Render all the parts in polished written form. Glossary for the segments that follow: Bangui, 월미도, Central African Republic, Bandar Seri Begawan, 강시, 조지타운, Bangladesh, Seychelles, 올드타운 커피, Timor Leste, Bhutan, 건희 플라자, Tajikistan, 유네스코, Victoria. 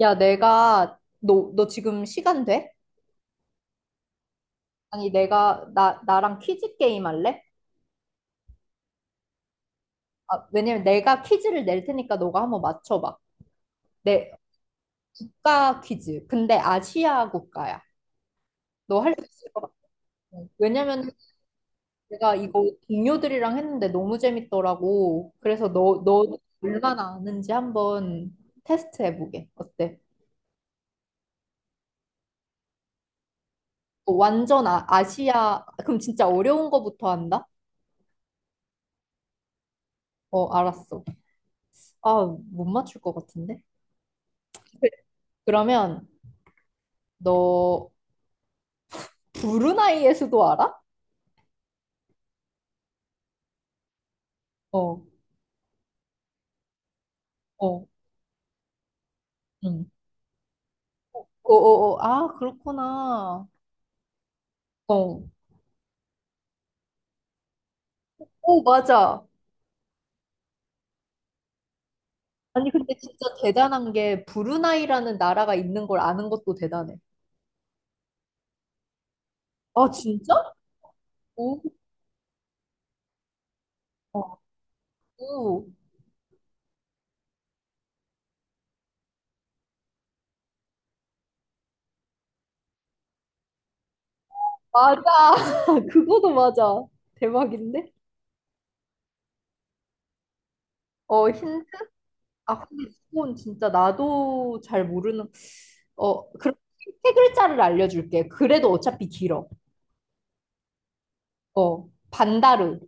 야, 너 지금 시간 돼? 아니, 나랑 퀴즈 게임 할래? 아, 왜냐면 내가 퀴즈를 낼 테니까 너가 한번 맞춰봐. 내 국가 퀴즈. 근데 아시아 국가야. 너 할 수 있을 것 같아. 왜냐면 내가 이거 동료들이랑 했는데 너무 재밌더라고. 그래서 너 얼마나 아는지 한번 테스트 해보게. 어때? 어, 완전 아시아, 그럼 진짜 어려운 거부터 한다? 어, 알았어. 아, 못 맞출 것 같은데? 그러면 너 브루나이의 수도 알아? 어, 어, 응. 어어어, 아, 그렇구나. 어. 오, 맞아. 아니, 근데 진짜 대단한 게 브루나이라는 나라가 있는 걸 아는 것도 대단해. 아, 진짜? 오, 어. 오, 맞아. 그거도 맞아. 대박인데? 어, 힌트? 아, 근데 이건 진짜 나도 잘 모르는, 어, 그럼 세 글자를 알려줄게. 그래도 어차피 길어. 어, 반다르.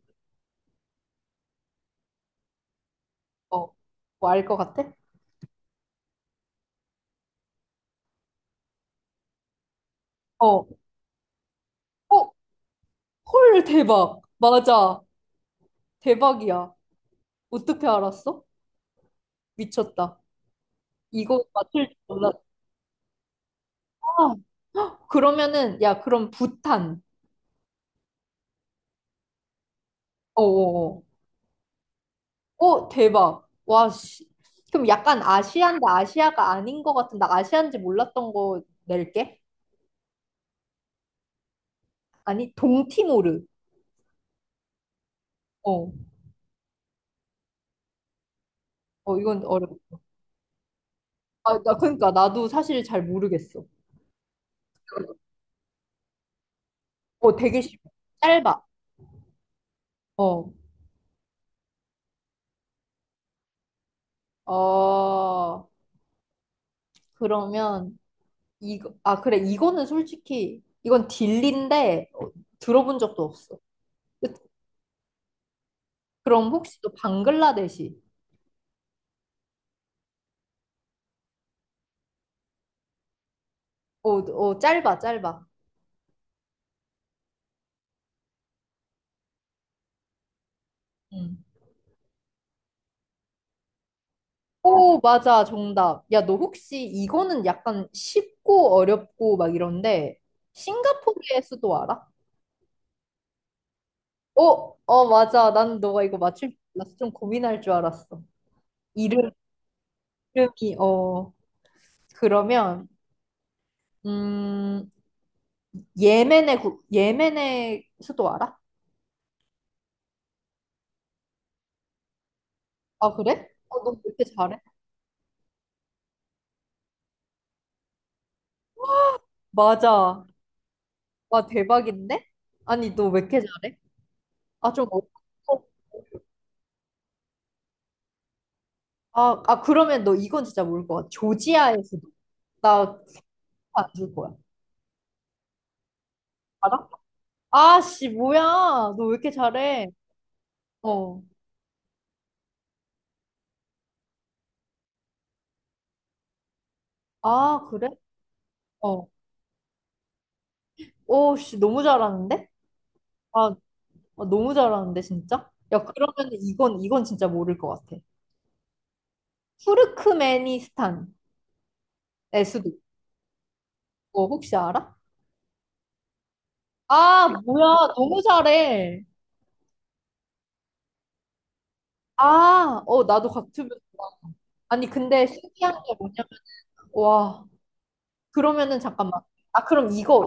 어, 뭐알 것 같아? 어, 어, 헐, 대박. 맞아. 대박이야. 어떻게 알았어? 미쳤다. 이거 맞출 줄 몰랐다. 그러면은, 야, 그럼 부탄. 어어어. 어, 어. 어, 대박. 와, 씨. 그럼 약간 아시안데 아시아가 아닌 것 같은, 나 아시안지 몰랐던 거 낼게. 아니, 동티모르. 어, 어, 이건 어렵다. 그러니까, 나도 사실 잘 모르겠어. 어, 되게 쉽 짧아. 어, 어. 그러면 이거 이거는 솔직히 이건 딜리인데 어, 들어본 적도 없어. 그- 그럼 혹시 또 방글라데시? 어, 어 짧아 짧아. 음. 오 맞아 정답. 야 너 혹시 이거는 약간 쉽고 어렵고 막 이런데 싱가포르의 수도 알아? 어, 어 맞아. 난 너가 이거 맞출 줄 알았어. 좀 고민할 줄 알았어. 이름 이름이 어 그러면 음 예멘의 수도 알아? 아, 그래? 어, 너 왜 이렇게 잘해? 맞아. 와, 대박인데? 아니, 너 왜 이렇게 잘해? 아, 좀 어렵고. 아, 그러면 너 이건 진짜 모를 것 같아. 조지아의 수도. 나안 줄 거야. 알아? 아, 씨, 뭐야. 너 왜 이렇게 잘해? 어. 아, 그래? 어. 오, 씨, 너무 잘하는데? 아, 아, 너무 잘하는데, 진짜? 야, 그러면 이건 진짜 모를 것 같아. 투르크메니스탄의 수도. 어, 혹시 알아? 아, 뭐야. 너무 잘해. 아, 어, 나도 같으면. 좋아. 아니, 근데 신기한 게 뭐냐면, 와, 그러면은 잠깐만. 아, 그럼 이거,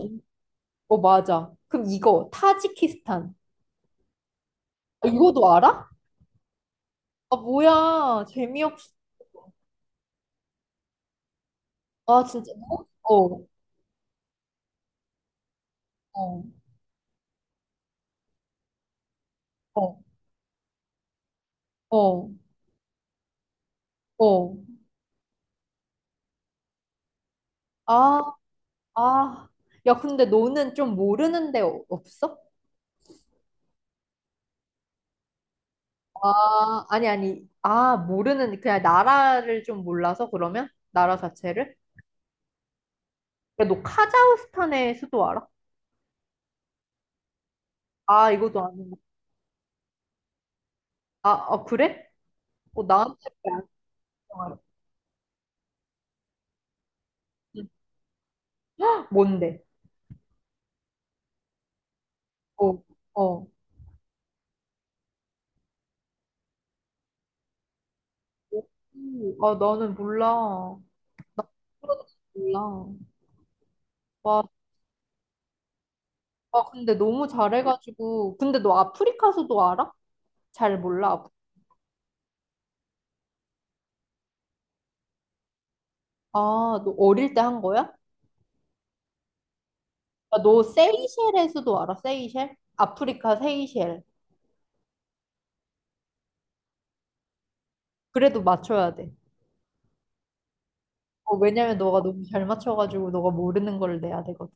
어, 맞아. 그럼 이거, 타지키스탄. 아, 이거도 알아? 아, 뭐야. 재미없어. 아, 진짜. 어, 어, 어, 어, 어. 아, 아. 야, 근데 너는 좀 모르는 데 없어? 아니. 아, 모르는, 그냥 나라를 좀 몰라서 그러면? 나라 자체를? 야, 너 카자흐스탄의 수도 알아? 아, 이것도 아니 아, 어, 그래? 어, 나한테 왜안 통하지? 뭔데? 어, 어. 오, 아, 나는 몰라. 나 그런 거 몰라. 와, 아, 근데 너무 잘해가지고. 근데 너 아프리카서도 알아? 잘 몰라. 아, 너 어릴 때 한 거야? 아, 너 세이셸에서도 알아? 세이셸? 아프리카 세이셸. 그래도 맞춰야 돼. 어, 왜냐면 너가 너무 잘 맞춰가지고 너가 모르는 걸 내야 되거든.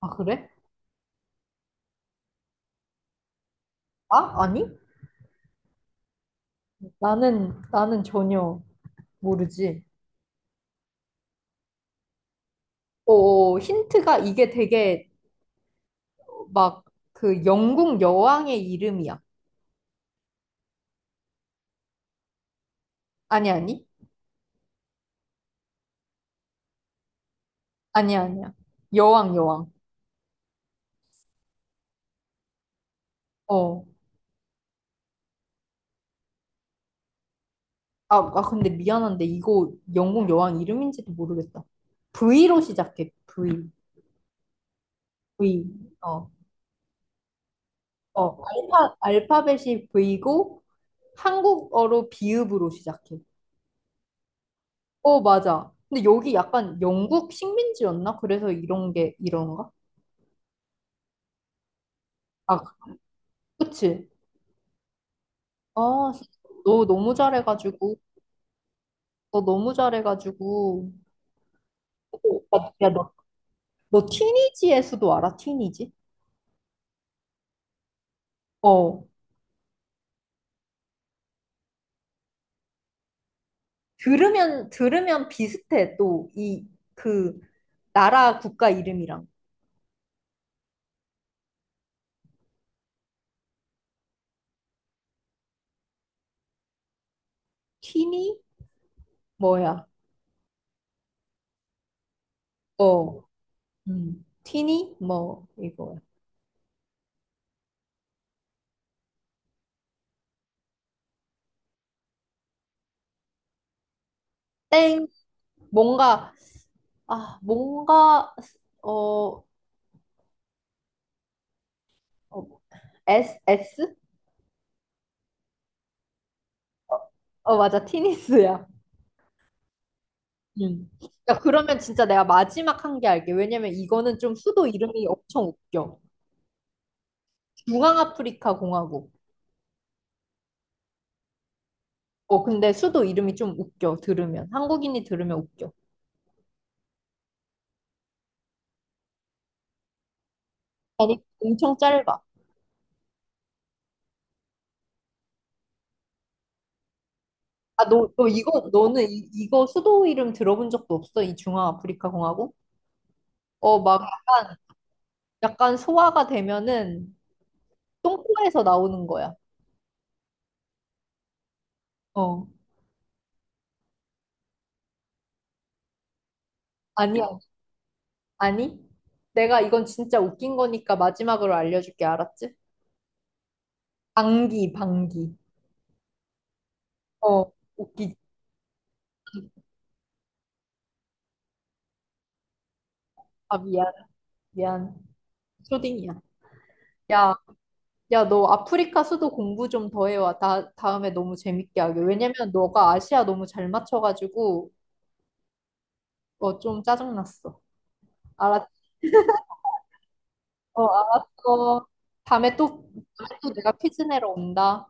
아, 그래? 아, 아니? 나는 전혀 모르지. 어, 힌트가 이게 되게 막 그 영국 여왕의 이름이야. 아니, 아니. 아니, 아니야. 여왕, 여왕. 어. 아, 근데 미안한데 이거 영국 여왕 이름인지도 모르겠다. V로 시작해. V. V. 어. 어. 알파벳이 V고 한국어로 비읍으로 시작해. 어, 맞아. 근데 여기 약간 영국 식민지였나? 그래서 이런 게 이런가? 아, 그치. 아, 진짜 너 너무 잘해가지고. 너 너무 잘해가지고 오, 오빠 너 티니지의 수도 알아? 티니지? 어 들으면 비슷해 또 이 그 나라 국가 이름이랑 티니 뭐야 어 티니 뭐 이거야 땡 뭔가 아 뭔가 어, 어 S S 어 맞아 티니스야 음. 야, 그러면 진짜 내가 마지막 한 개 알게. 왜냐면 이거는 좀 수도 이름이 엄청 웃겨. 중앙아프리카 공화국. 어, 근데 수도 이름이 좀 웃겨, 들으면. 한국인이 들으면 웃겨. 아니, 엄청 짧아. 너 이거, 너는 이, 이거 수도 이름 들어본 적도 없어? 이 중앙아프리카 공화국? 어, 막 약간 소화가 되면은 똥꼬에서 나오는 거야. 어, 아니야. 아니? 내가 이건 진짜 웃긴 거니까 마지막으로 알려줄게, 알았지? 방귀, 방귀. 어, 웃기지. 아, 미안, 미안. 초딩이야. 야. 야, 너 아프리카 수도 공부 좀 더 해와. 다음에 너무 재밌게 하게. 왜냐면 너가 아시아 너무 잘 맞춰가지고, 어, 좀 짜증났어. 알았어, 알았어. 다음에 또, 또 내가 퀴즈 내러 온다.